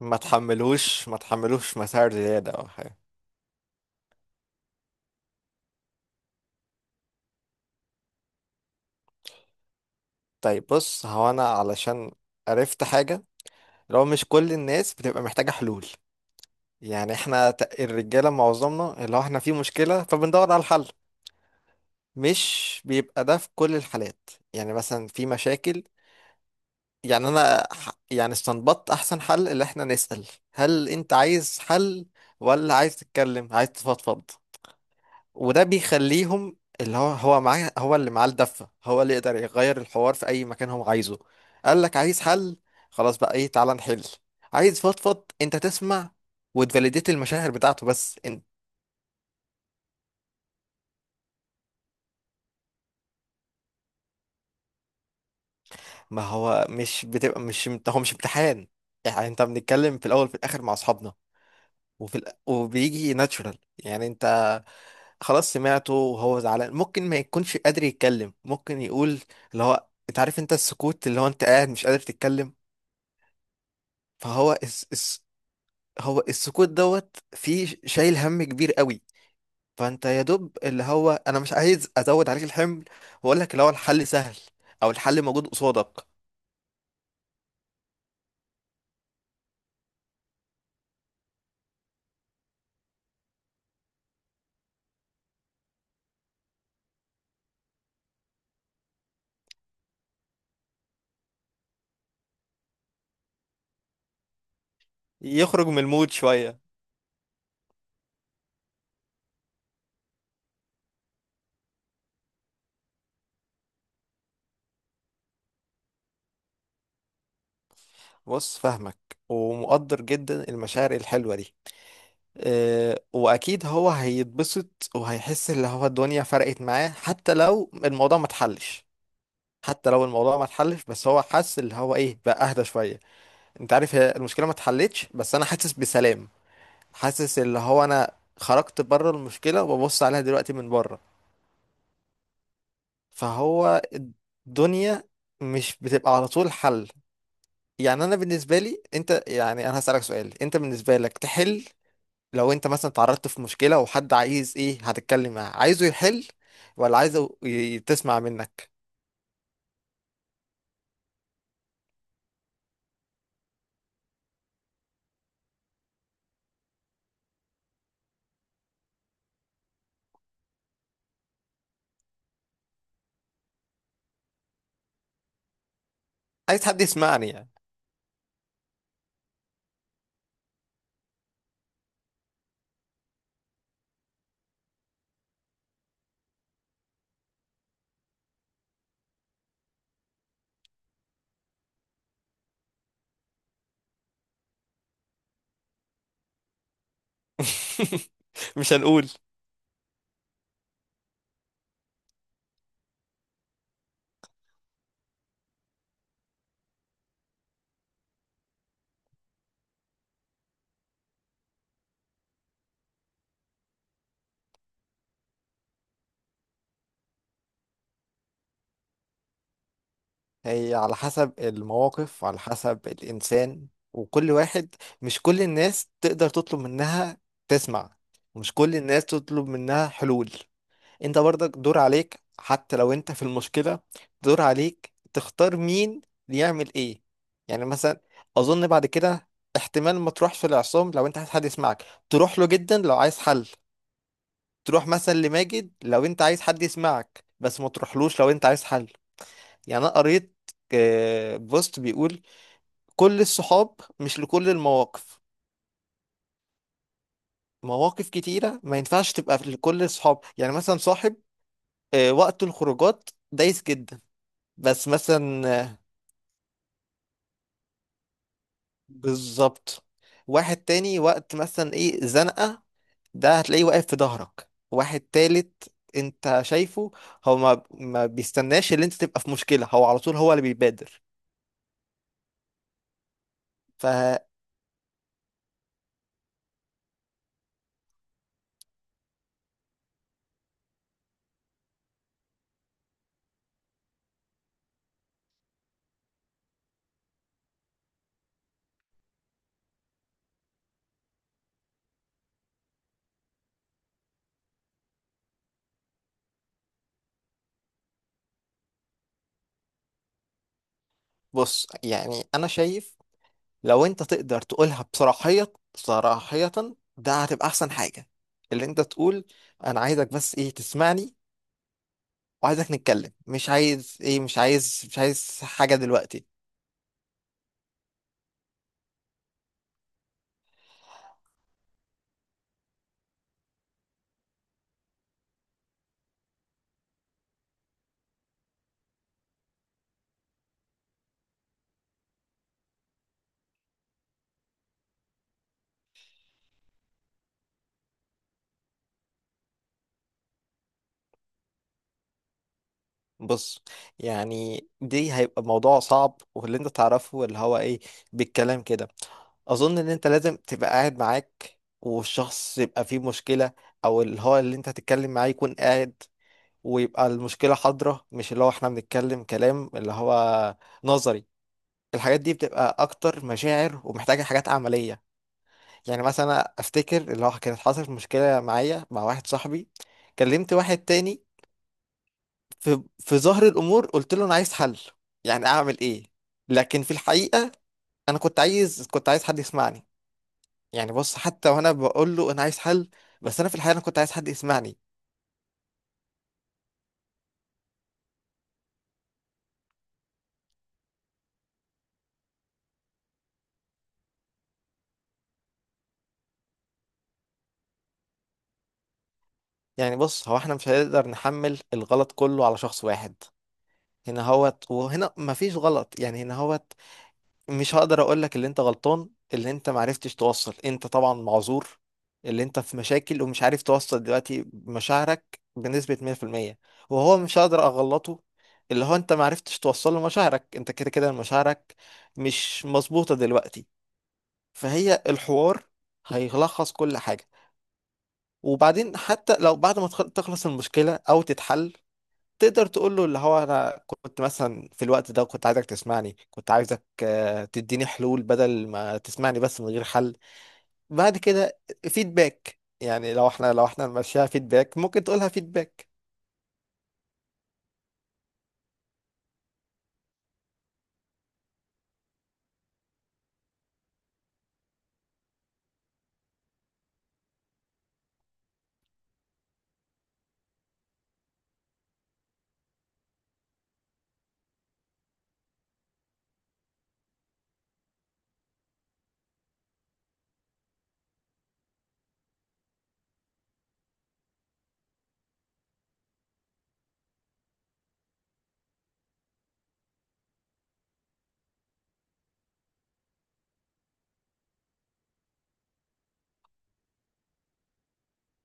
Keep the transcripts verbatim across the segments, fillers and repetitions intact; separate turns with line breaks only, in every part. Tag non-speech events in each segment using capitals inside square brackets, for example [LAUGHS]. ما تحملوش ما تحملوش مسار زيادة أو حاجة. طيب بص، هو أنا علشان عرفت حاجة، لو مش كل الناس بتبقى محتاجة حلول. يعني احنا ت- الرجالة معظمنا اللي هو احنا في مشكلة فبندور على الحل. مش بيبقى ده في كل الحالات، يعني مثلا في مشاكل، يعني أنا ح- يعني استنبطت أحسن حل، اللي احنا نسأل هل أنت عايز حل، ولا عايز تتكلم عايز تفضفض؟ وده بيخليهم اللي هو هو معاه، هو اللي معاه الدفة، هو اللي يقدر يغير الحوار في أي مكان هو عايزه. قال لك عايز حل، خلاص بقى إيه، تعالى نحل. عايز فضفض، أنت تسمع وتفاليديت المشاعر بتاعته بس انت. ما هو مش بتبقى، مش هو مش امتحان، يعني أنت بنتكلم في الأول في الآخر مع أصحابنا، وفي الأ- وبيجي ناتشورال، يعني أنت خلاص سمعته وهو زعلان، ممكن ما يكونش قادر يتكلم، ممكن يقول اللي هو أنت عارف أنت السكوت، اللي هو أنت قاعد مش قادر تتكلم. فهو هو السكوت دوت فيه، شايل هم كبير قوي. فانت يا دوب اللي هو انا مش عايز ازود عليك الحمل واقول لك اللي هو الحل سهل، او الحل موجود قصادك. يخرج من المود شوية. بص فاهمك، ومقدر جدا المشاعر الحلوة دي. أه، واكيد هو هيتبسط وهيحس اللي هو الدنيا فرقت معاه حتى لو الموضوع ما اتحلش. حتى لو الموضوع ما اتحلش بس هو حس اللي هو ايه، بقى اهدى شوية. انت عارف، هي المشكلة ما اتحلتش بس انا حاسس بسلام، حاسس اللي هو انا خرجت بره المشكله وببص عليها دلوقتي من بره. فهو الدنيا مش بتبقى على طول حل. يعني انا بالنسبه لي انت، يعني انا هسالك سؤال، انت بالنسبه لك تحل، لو انت مثلا اتعرضت في مشكله وحد عايز ايه، هتتكلم معاه عايزه يحل، ولا عايزه ي- تسمع منك؟ عايز حد يسمعني يعني. [LAUGHS] مش هنقول. هي على حسب المواقف، على حسب الإنسان، وكل واحد، مش كل الناس تقدر تطلب منها تسمع، ومش كل الناس تطلب منها حلول. انت برضك دور عليك حتى لو انت في المشكلة، دور عليك تختار مين يعمل ايه. يعني مثلا اظن بعد كده، احتمال ما تروحش في العصام لو انت عايز حد يسمعك، تروح له جدا لو عايز حل. تروح مثلا لماجد لو انت عايز حد يسمعك، بس ما تروحلوش لو انت عايز حل. يعني انا قريت آه، بوست بيقول كل الصحاب مش لكل المواقف. مواقف كتيرة ما ينفعش تبقى لكل الصحاب، يعني مثلا صاحب آه، وقت الخروجات دايس جدا. بس مثلا آه، بالظبط، واحد تاني وقت مثلا ايه زنقة، ده هتلاقيه واقف في ظهرك. واحد تالت انت شايفه هو ما ما بيستناش اللي انت تبقى في مشكلة، هو على طول هو اللي بيبادر. فبص، يعني انا شايف لو انت تقدر تقولها بصراحية صراحية، ده هتبقى احسن حاجة. اللي انت تقول انا عايزك بس ايه تسمعني، وعايزك نتكلم، مش عايز ايه، مش عايز مش عايز حاجة دلوقتي. بص، يعني دي هيبقى موضوع صعب، واللي انت تعرفه اللي هو ايه بالكلام كده. اظن ان انت لازم تبقى قاعد معاك والشخص يبقى فيه مشكلة، او اللي هو اللي انت هتتكلم معاه يكون قاعد، ويبقى المشكلة حاضرة، مش اللي هو احنا بنتكلم كلام اللي هو نظري. الحاجات دي بتبقى اكتر مشاعر، ومحتاجه حاجات عمليه. يعني مثلا أنا افتكر اللي هو كانت حصلت مشكله معايا مع واحد صاحبي، كلمت واحد تاني في في ظهر الامور، قلت له انا عايز حل، يعني اعمل ايه. لكن في الحقيقه انا كنت عايز كنت عايز حد يسمعني. يعني بص، حتى وانا بقول له انا عايز حل، بس انا في الحقيقه انا كنت عايز حد يسمعني. يعني بص، هو احنا مش هنقدر نحمل الغلط كله على شخص واحد. هنا هوت وهنا مفيش غلط، يعني هنا هوت. مش هقدر اقول لك اللي انت غلطان، اللي انت معرفتش توصل، انت طبعا معذور، اللي انت في مشاكل ومش عارف توصل دلوقتي مشاعرك بنسبة مية في المية. وهو مش هقدر اغلطه، اللي هو انت معرفتش توصل له مشاعرك، انت كده كده مشاعرك مش مظبوطة دلوقتي. فهي الحوار هيلخص كل حاجة. وبعدين حتى لو بعد ما تخ- تخلص المشكلة او تتحل، تقدر تقول له اللي هو انا كنت مثلا في الوقت ده كنت عايزك تسمعني، كنت عايزك آه، تديني حلول بدل ما تسمعني بس من غير حل. بعد كده فيدباك، يعني لو احنا لو احنا ماشيها فيدباك، ممكن تقولها فيدباك.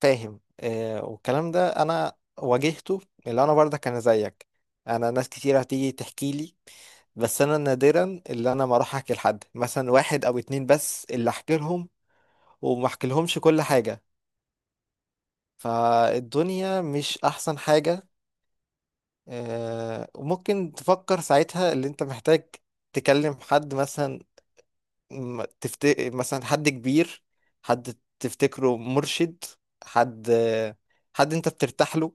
فاهم. آه، والكلام ده انا واجهته، اللي انا برضه كان زيك. انا ناس كتير هتيجي تحكي لي، بس انا نادرا اللي انا ما اروح احكي لحد، مثلا واحد او اتنين بس اللي احكي لهم، وما احكي لهمش كل حاجة. فالدنيا مش احسن حاجة. آه، وممكن تفكر ساعتها اللي انت محتاج تكلم حد، مثلا م- تفت... مثلا حد كبير، حد تفتكره مرشد، حد آه، حد انت بترتاح له.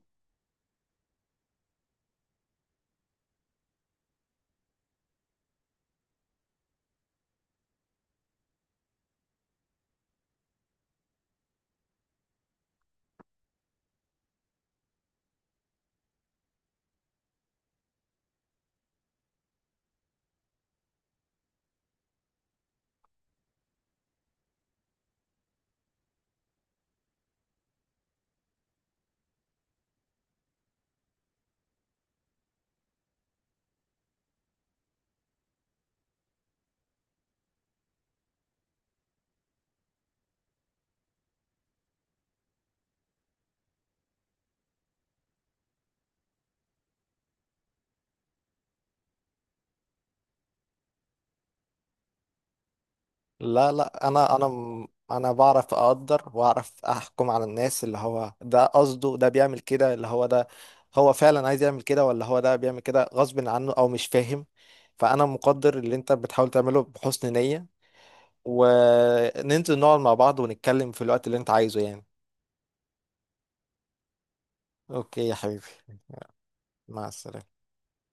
لا لا، انا انا م- انا بعرف اقدر واعرف احكم على الناس، اللي هو ده قصده ده بيعمل كده، اللي هو ده هو فعلا عايز يعمل كده، ولا هو ده بيعمل كده غصب عنه او مش فاهم. فانا مقدر اللي انت بتحاول تعمله بحسن نية، وننزل نقعد مع بعض ونتكلم في الوقت اللي انت عايزه يعني. اوكي يا حبيبي، مع السلامة.